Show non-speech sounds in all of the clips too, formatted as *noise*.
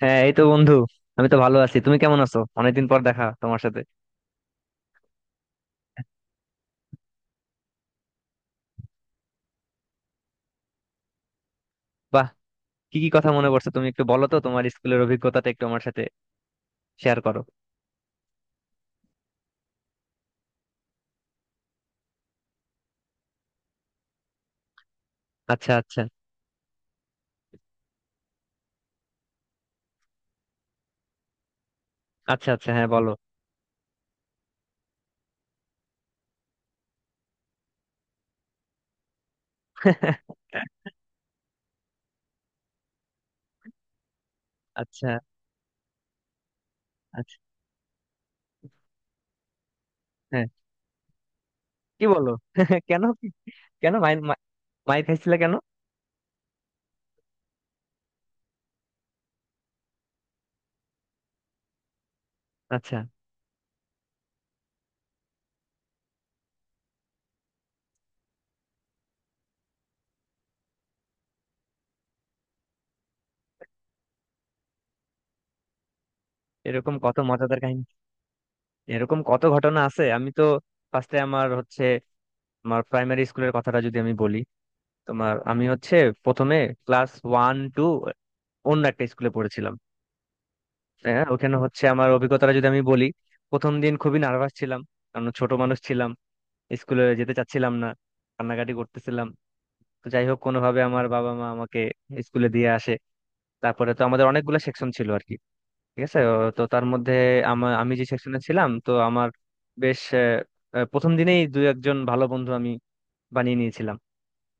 হ্যাঁ, এই তো বন্ধু। আমি তো ভালো আছি। তুমি কেমন আছো? অনেকদিন পর দেখা তোমার সাথে। বাহ! কি কি কথা মনে পড়ছে? তুমি একটু বলো তো, তোমার স্কুলের অভিজ্ঞতাটা একটু আমার সাথে শেয়ার করো। আচ্ছা, আচ্ছা। আচ্ছা, আচ্ছা। হ্যাঁ, বলো। *laughs* আচ্ছা, আচ্ছা। হ্যাঁ। কি বলো? *laughs* কেন? কেন মাইর খাইছিলে কেন? আচ্ছা। এরকম কত মজাদার কাহিনী! এরকম কত ঘটনা আছে। আমি তো ফার্স্টে আমার হচ্ছে, আমার প্রাইমারি স্কুলের কথাটা যদি আমি বলি। তোমার আমি হচ্ছে প্রথমে ক্লাস ওয়ান টু অন্য একটা স্কুলে পড়েছিলাম। হ্যাঁ, ওখানে হচ্ছে আমার অভিজ্ঞতাটা যদি আমি বলি। প্রথম দিন খুবই নার্ভাস ছিলাম, কারণ ছোট মানুষ ছিলাম। স্কুলে যেতে চাচ্ছিলাম না, কান্নাকাটি করতেছিলাম। তো যাই হোক, কোনোভাবে আমার বাবা মা আমাকে স্কুলে দিয়ে আসে। তারপরে তো আমাদের অনেকগুলো সেকশন ছিল আর কি। ঠিক আছে, ও তো তার মধ্যে আমি যে সেকশনে ছিলাম তো আমার বেশ আহ, আহ, প্রথম দিনেই দু একজন ভালো বন্ধু আমি বানিয়ে নিয়েছিলাম।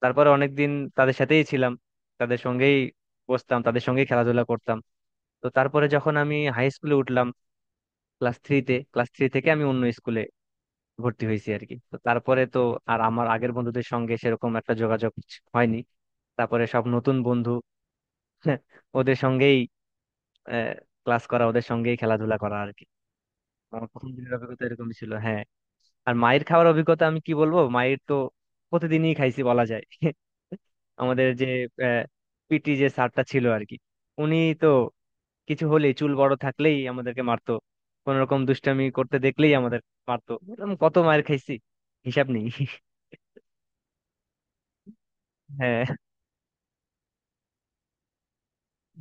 তারপরে অনেকদিন তাদের সাথেই ছিলাম, তাদের সঙ্গেই বসতাম, তাদের সঙ্গেই খেলাধুলা করতাম। তো তারপরে যখন আমি হাই স্কুলে উঠলাম, ক্লাস থ্রিতে, ক্লাস থ্রি থেকে আমি অন্য স্কুলে ভর্তি হয়েছি আর কি। তো তারপরে তো আর আমার আগের বন্ধুদের সঙ্গে সেরকম একটা যোগাযোগ হয়নি। তারপরে সব নতুন বন্ধু। *laughs* ওদের সঙ্গেই ক্লাস করা, ওদের সঙ্গেই খেলাধুলা করা আর কি। আমার প্রথম দিনের অভিজ্ঞতা এরকমই ছিল, হ্যাঁ। আর মায়ের খাওয়ার অভিজ্ঞতা আমি কি বলবো! মায়ের তো প্রতিদিনই খাইছি বলা যায়। *laughs* আমাদের যে পিটি যে স্যারটা ছিল আর কি, উনি তো কিছু হলেই, চুল বড় থাকলেই আমাদেরকে মারতো। কোন রকম দুষ্টামি করতে দেখলেই আমাদের মারতো। এরকম কত মার খাইছি হিসাব নেই। হ্যাঁ,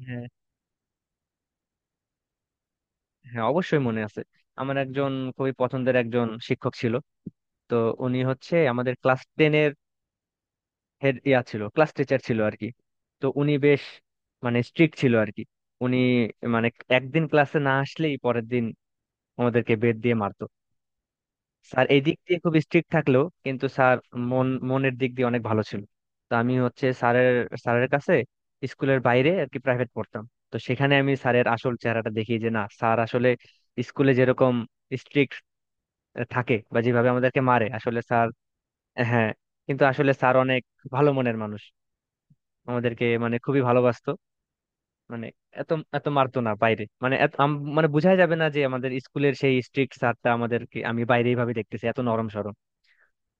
হ্যাঁ, হ্যাঁ, অবশ্যই মনে আছে। আমার একজন খুবই পছন্দের একজন শিক্ষক ছিল। তো উনি হচ্ছে আমাদের ক্লাস টেনের হেড ইয়া ছিল, ক্লাস টিচার ছিল আর কি। তো উনি বেশ মানে স্ট্রিক্ট ছিল আর কি। উনি মানে একদিন ক্লাসে না আসলেই পরের দিন আমাদেরকে বেত দিয়ে মারতো। স্যার এই দিক দিয়ে খুব স্ট্রিক্ট থাকলেও কিন্তু স্যার মনের দিক দিয়ে অনেক ভালো ছিল। তো আমি হচ্ছে স্যারের স্যারের কাছে স্কুলের বাইরে আর কি প্রাইভেট পড়তাম। তো সেখানে আমি স্যারের আসল চেহারাটা দেখি যে, না স্যার আসলে স্কুলে যেরকম স্ট্রিক্ট থাকে বা যেভাবে আমাদেরকে মারে, আসলে স্যার, হ্যাঁ, কিন্তু আসলে স্যার অনেক ভালো মনের মানুষ। আমাদেরকে মানে খুবই ভালোবাসতো। মানে এত এত মারতো না বাইরে, মানে মানে বোঝাই যাবে না যে আমাদের স্কুলের সেই স্ট্রিক্ট স্যারটা আমাদেরকে আমি বাইরে এইভাবে দেখতেছি এত নরম সরম।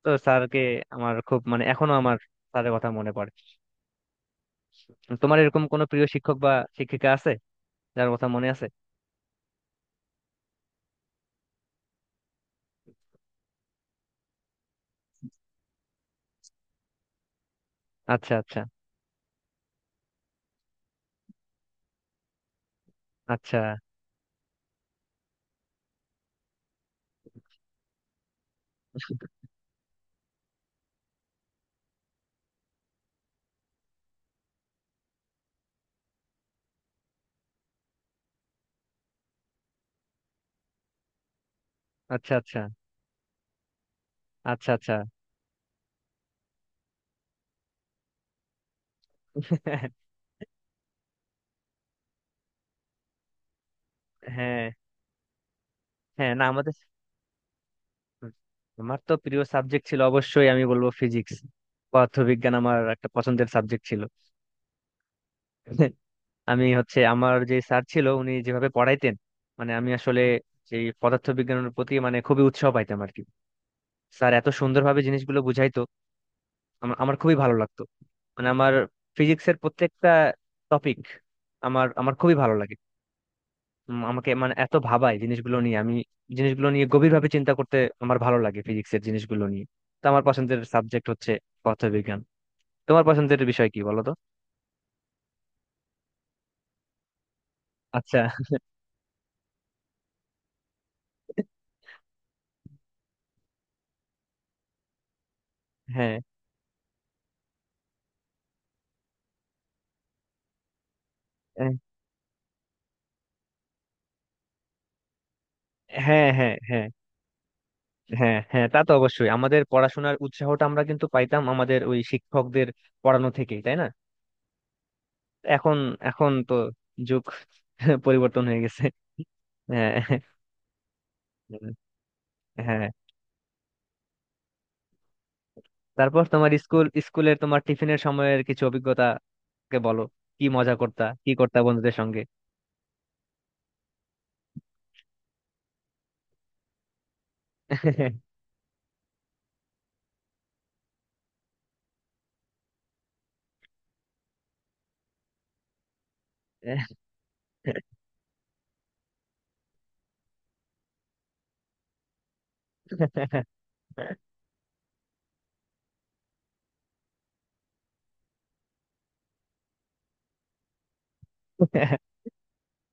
তো স্যারকে আমার খুব মানে, এখনো আমার স্যারের কথা মনে পড়ে। তোমার এরকম কোনো প্রিয় শিক্ষক বা শিক্ষিকা আছে যার কথা মনে আছে? আচ্ছা, আচ্ছা। আচ্ছা, আচ্ছা। আচ্ছা, আচ্ছা। আচ্ছা। *laughs* হ্যাঁ, হ্যাঁ, না আমাদের। হুম, আমার তো প্রিয় সাবজেক্ট ছিল, অবশ্যই আমি বলবো ফিজিক্স। পদার্থবিজ্ঞান আমার একটা পছন্দের সাবজেক্ট ছিল। *laughs* আমি হচ্ছে আমার যে স্যার ছিল উনি যেভাবে পড়াইতেন, মানে আমি আসলে সেই পদার্থবিজ্ঞানের প্রতি মানে খুবই উৎসাহ পাইতাম আর কি। স্যার এত সুন্দরভাবে জিনিসগুলো বুঝাইতো, আমার আমার খুবই ভালো লাগতো। মানে আমার ফিজিক্সের প্রত্যেকটা টপিক আমার আমার খুবই ভালো লাগে। আমাকে মানে এত ভাবায় জিনিসগুলো নিয়ে। আমি জিনিসগুলো নিয়ে গভীরভাবে চিন্তা করতে আমার ভালো লাগে, ফিজিক্সের জিনিসগুলো নিয়ে। তো আমার পছন্দের সাবজেক্ট হচ্ছে পদার্থবিজ্ঞান। তোমার পছন্দের বিষয় কি বলো তো? আচ্ছা। হ্যাঁ। এহ, হ্যাঁ, হ্যাঁ, হ্যাঁ। হ্যাঁ, হ্যাঁ, তা তো অবশ্যই। আমাদের পড়াশোনার উৎসাহটা আমরা কিন্তু পাইতাম আমাদের ওই শিক্ষকদের পড়ানো থেকেই, তাই না? এখন, এখন তো যুগ *laughs* পরিবর্তন হয়ে গেছে। হ্যাঁ, হ্যাঁ। তারপর তোমার স্কুলের তোমার টিফিনের সময়ের কিছু অভিজ্ঞতাকে বলো, কি মজা করতা কি করতা বন্ধুদের সঙ্গে? *laughs*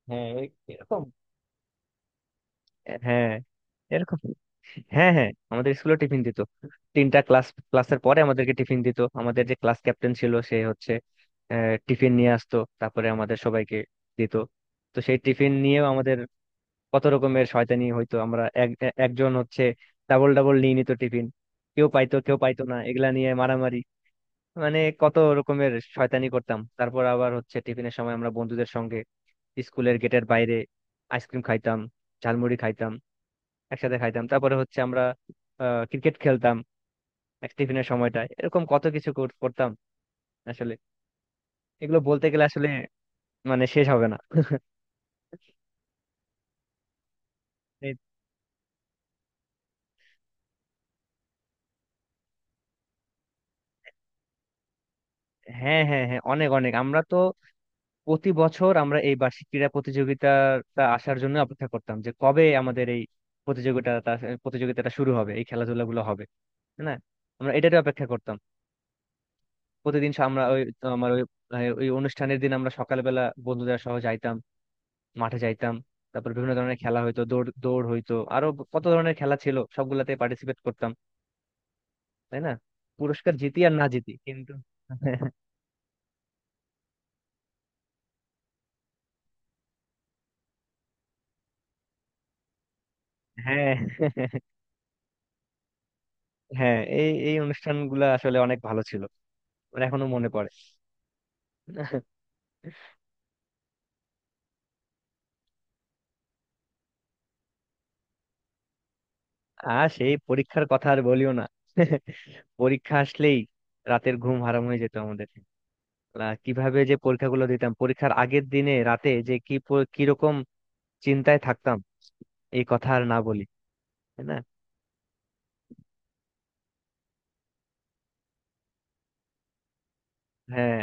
হ্যাঁ, এরকম। হ্যাঁ, এরকম। হ্যাঁ, হ্যাঁ, আমাদের স্কুলে টিফিন দিত। তিনটা ক্লাসের পরে আমাদেরকে টিফিন দিত। আমাদের যে ক্লাস ক্যাপ্টেন ছিল, সে হচ্ছে টিফিন নিয়ে আসতো, তারপরে আমাদের সবাইকে দিত। তো সেই টিফিন নিয়েও আমাদের কত রকমের শয়তানি হইতো। আমরা একজন হচ্ছে ডাবল ডাবল নিয়ে নিত টিফিন। কেউ পাইতো কেউ পাইতো না, এগুলা নিয়ে মারামারি, মানে কত রকমের শয়তানি করতাম। তারপর আবার হচ্ছে টিফিনের সময় আমরা বন্ধুদের সঙ্গে স্কুলের গেটের বাইরে আইসক্রিম খাইতাম, ঝালমুড়ি খাইতাম, একসাথে খাইতাম। তারপরে হচ্ছে আমরা ক্রিকেট খেলতাম। এক টিফিনের সময়টা এরকম কত কিছু করতাম আসলে। এগুলো বলতে গেলে আসলে মানে শেষ হবে না। এই- হ্যাঁ, হ্যাঁ, হ্যাঁ, অনেক অনেক। আমরা তো প্রতি বছর আমরা এই বার্ষিক ক্রীড়া প্রতিযোগিতাটা আসার জন্য অপেক্ষা করতাম, যে কবে আমাদের এই প্রতিযোগিতাটা প্রতিযোগিতাটা শুরু হবে, এই খেলাধুলা গুলো হবে, তাই না? আমরা এটারই অপেক্ষা করতাম। প্রতিদিন সা- আমরা ওই আমার ওই ওই অনুষ্ঠানের দিন আমরা সকালবেলা বন্ধুদের সহ যাইতাম, মাঠে যাইতাম। তারপর বিভিন্ন ধরনের খেলা হইতো, দৌড় দৌড় হইতো, আরো কত ধরনের খেলা ছিল, সবগুলাতে পার্টিসিপেট করতাম, তাই না? পুরস্কার জিতি আর না জিতি কিন্তু। *laughs* হ্যাঁ, হ্যাঁ, এই এই অনুষ্ঠানগুলো আসলে অনেক ভালো ছিল। আমার এখনো মনে পড়ে। আর সেই পরীক্ষার কথা আর বলিও না। পরীক্ষা আসলেই রাতের ঘুম হারাম হয়ে যেত আমাদের। কিভাবে যে পরীক্ষাগুলো দিতাম! পরীক্ষার আগের দিনে রাতে যে কি কিরকম চিন্তায় থাকতাম, এই কথা আর না বলি, তাই না? হ্যাঁ,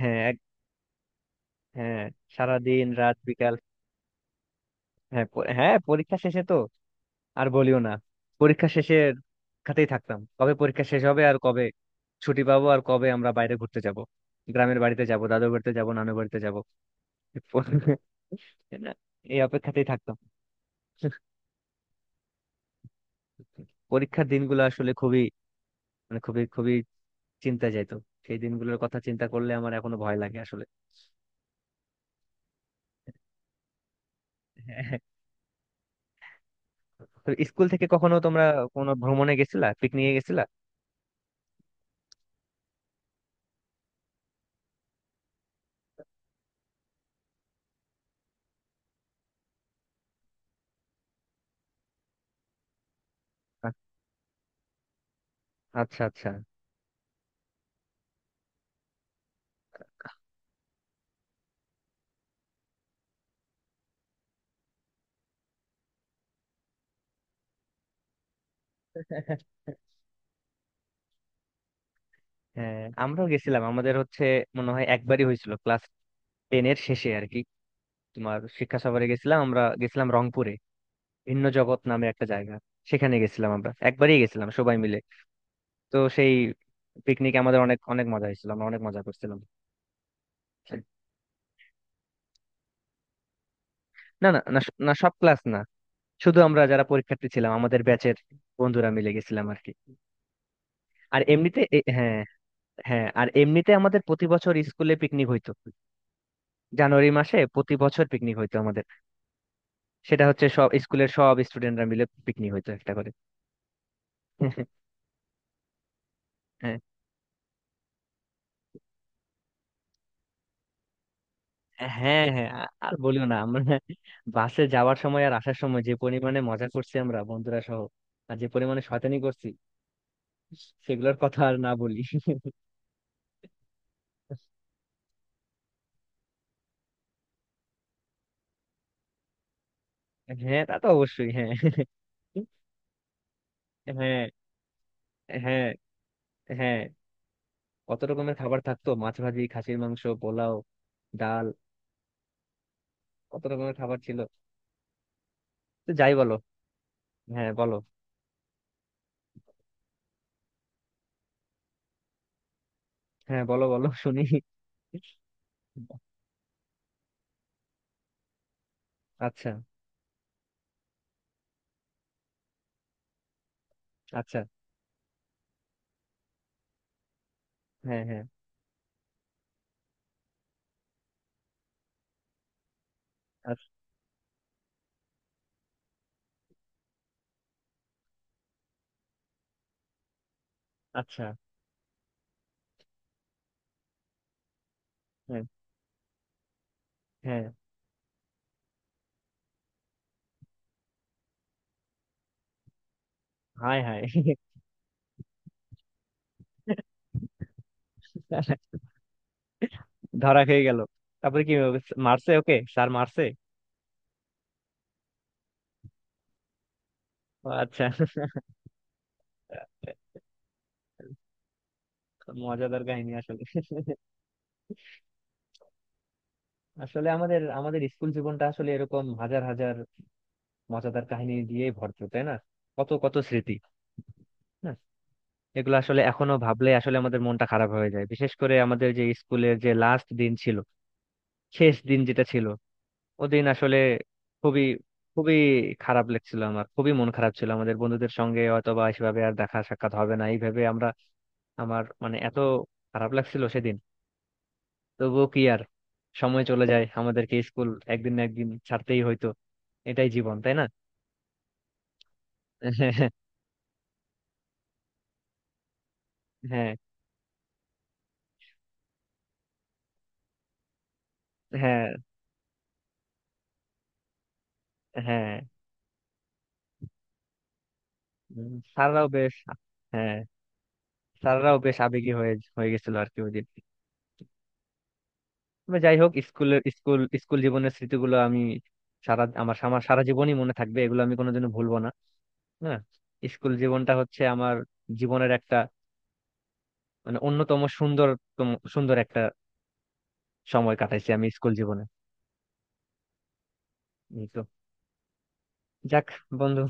হ্যাঁ, হ্যাঁ, সারাদিন রাত বিকাল। হ্যাঁ, হ্যাঁ, পরীক্ষা শেষে তো আর বলিও না। পরীক্ষা শেষের খাতেই থাকতাম, কবে পরীক্ষা শেষ হবে, আর কবে ছুটি পাবো, আর কবে আমরা বাইরে ঘুরতে যাব, গ্রামের বাড়িতে যাব, দাদু বাড়িতে যাব, নানু বাড়িতে যাব। *laughs* এই অপেক্ষাতেই থাকতাম। *laughs* পরীক্ষার দিনগুলো আসলে খুবই, মানে খুবই খুবই চিন্তা যাইতো। সেই দিনগুলোর কথা চিন্তা করলে আমার এখনো ভয় লাগে আসলে। হ্যাঁ। তো স্কুল থেকে কখনো তোমরা কোনো ভ্রমণে গেছিলা, পিকনিকে গেছিলা? আ- আচ্ছা, আচ্ছা। হ্যাঁ, আমরাও গেছিলাম। আমাদের হচ্ছে মনে হয় একবারই হয়েছিল, ক্লাস টেন এর শেষে আর কি। তোমার শিক্ষা সফরে গেছিলাম আমরা, গেছিলাম রংপুরে, ভিন্ন জগৎ নামে একটা জায়গা, সেখানে গেছিলাম। আমরা একবারই গেছিলাম সবাই মিলে। তো সেই পিকনিকে আমাদের অনেক অনেক মজা হয়েছিল, আমরা অনেক মজা করছিলাম। না, না, না, না সব ক্লাস না, শুধু আমরা যারা পরীক্ষার্থী ছিলাম আমাদের ব্যাচের বন্ধুরা মিলে গেছিলাম আর কি। হ্যাঁ, হ্যাঁ, আর এমনিতে আমাদের প্রতি বছর স্কুলে পিকনিক হইতো। জানুয়ারি মাসে প্রতি বছর পিকনিক হইতো আমাদের। সেটা হচ্ছে সব স্কুলের সব স্টুডেন্টরা মিলে পিকনিক হইতো একটা করে। হ্যাঁ, হ্যাঁ, হ্যাঁ, আর বলিও না। আমরা বাসে যাওয়ার সময় আর আসার সময় যে পরিমাণে মজা করছি আমরা বন্ধুরা সহ, আর যে পরিমাণে শয়তানি করছি, সেগুলোর কথা আর না বলি। হ্যাঁ, তা তো অবশ্যই। হ্যাঁ, হ্যাঁ, হ্যাঁ, হ্যাঁ, কত রকমের খাবার থাকতো, মাছ ভাজি, খাসির মাংস, পোলাও, ডাল, কত রকমের খাবার ছিল। তো যাই বলো। হ্যাঁ, বলো। হ্যাঁ, বলো, বলো, শুনি। আচ্ছা, আচ্ছা। হ্যাঁ, হ্যাঁ। আচ্ছা। আচ্ছা, হ্যাঁ, হ্যাঁ। High high! *laughs* ধরা খেয়ে গেল? তারপরে কি? মারছে ওকে, স্যার মারছে? ও আচ্ছা। *laughs* মজাদার কাহিনী আসলে। *laughs* আসলে আমাদের আমাদের স্কুল জীবনটা আসলে এরকম হাজার হাজার মজাদার কাহিনী দিয়ে ভরপুর, তাই না? কত কত স্মৃতি। হ্যাঁ, এগুলো আসলে এখনো ভাবলে আসলে আমাদের মনটা খারাপ হয়ে যায়, বিশেষ করে আমাদের যে স্কুলের যে লাস্ট দিন ছিল, শেষ দিন যেটা ছিল, ওদিন আসলে খুবই, খুবই খারাপ লাগছিল। আমার খুবই মন খারাপ ছিল, আমাদের বন্ধুদের সঙ্গে হয়তো বা সেভাবে আর দেখা সাক্ষাৎ হবে না এইভাবে, আমরা আমার মানে এত খারাপ লাগছিল সেদিন। তবুও কি আর, সময় চলে যায়, আমাদেরকে স্কুল একদিন না একদিন ছাড়তেই হয়তো। এটাই জীবন, তাই না? *laughs* হ্যাঁ, হ্যাঁ, হ্যাঁ, হ্যাঁ, স্যাররাও বেশ। হ্যাঁ, স্যাররাও বেশ আবেগী হয়ে হয়ে গেছিল আর কি ওই দিন। তবে যাই হোক, স্কুল জীবনের স্মৃতিগুলো আমি সারা আমার আমার সারা জীবনই মনে থাকবে, এগুলো আমি কোনোদিনও ভুলবো না, না। স্কুল জীবনটা হচ্ছে আমার জীবনের একটা মানে অন্যতম সুন্দরতম সুন্দর একটা সময় কাটাইছি আমি স্কুল জীবনে। এই তো, যাক বন্ধু।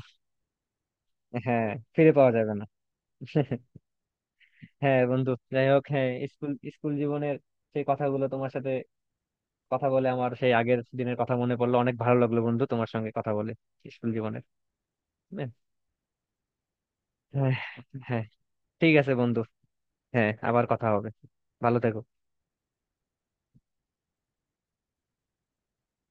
হ্যাঁ, ফিরে পাওয়া যাবে না। *laughs* হ্যাঁ বন্ধু, যাই হোক। হ্যাঁ, স্কুল স্কুল জীবনের সেই কথাগুলো তোমার সাথে কথা বলে, আমার সেই আগের দিনের কথা মনে পড়লো। অনেক ভালো লাগলো বন্ধু তোমার সঙ্গে কথা বলে, স্কুল জীবনের। হ্যাঁ, হ্যাঁ, হ্যাঁ, ঠিক আছে বন্ধু। হ্যাঁ, আবার কথা হবে। ভালো থেকো।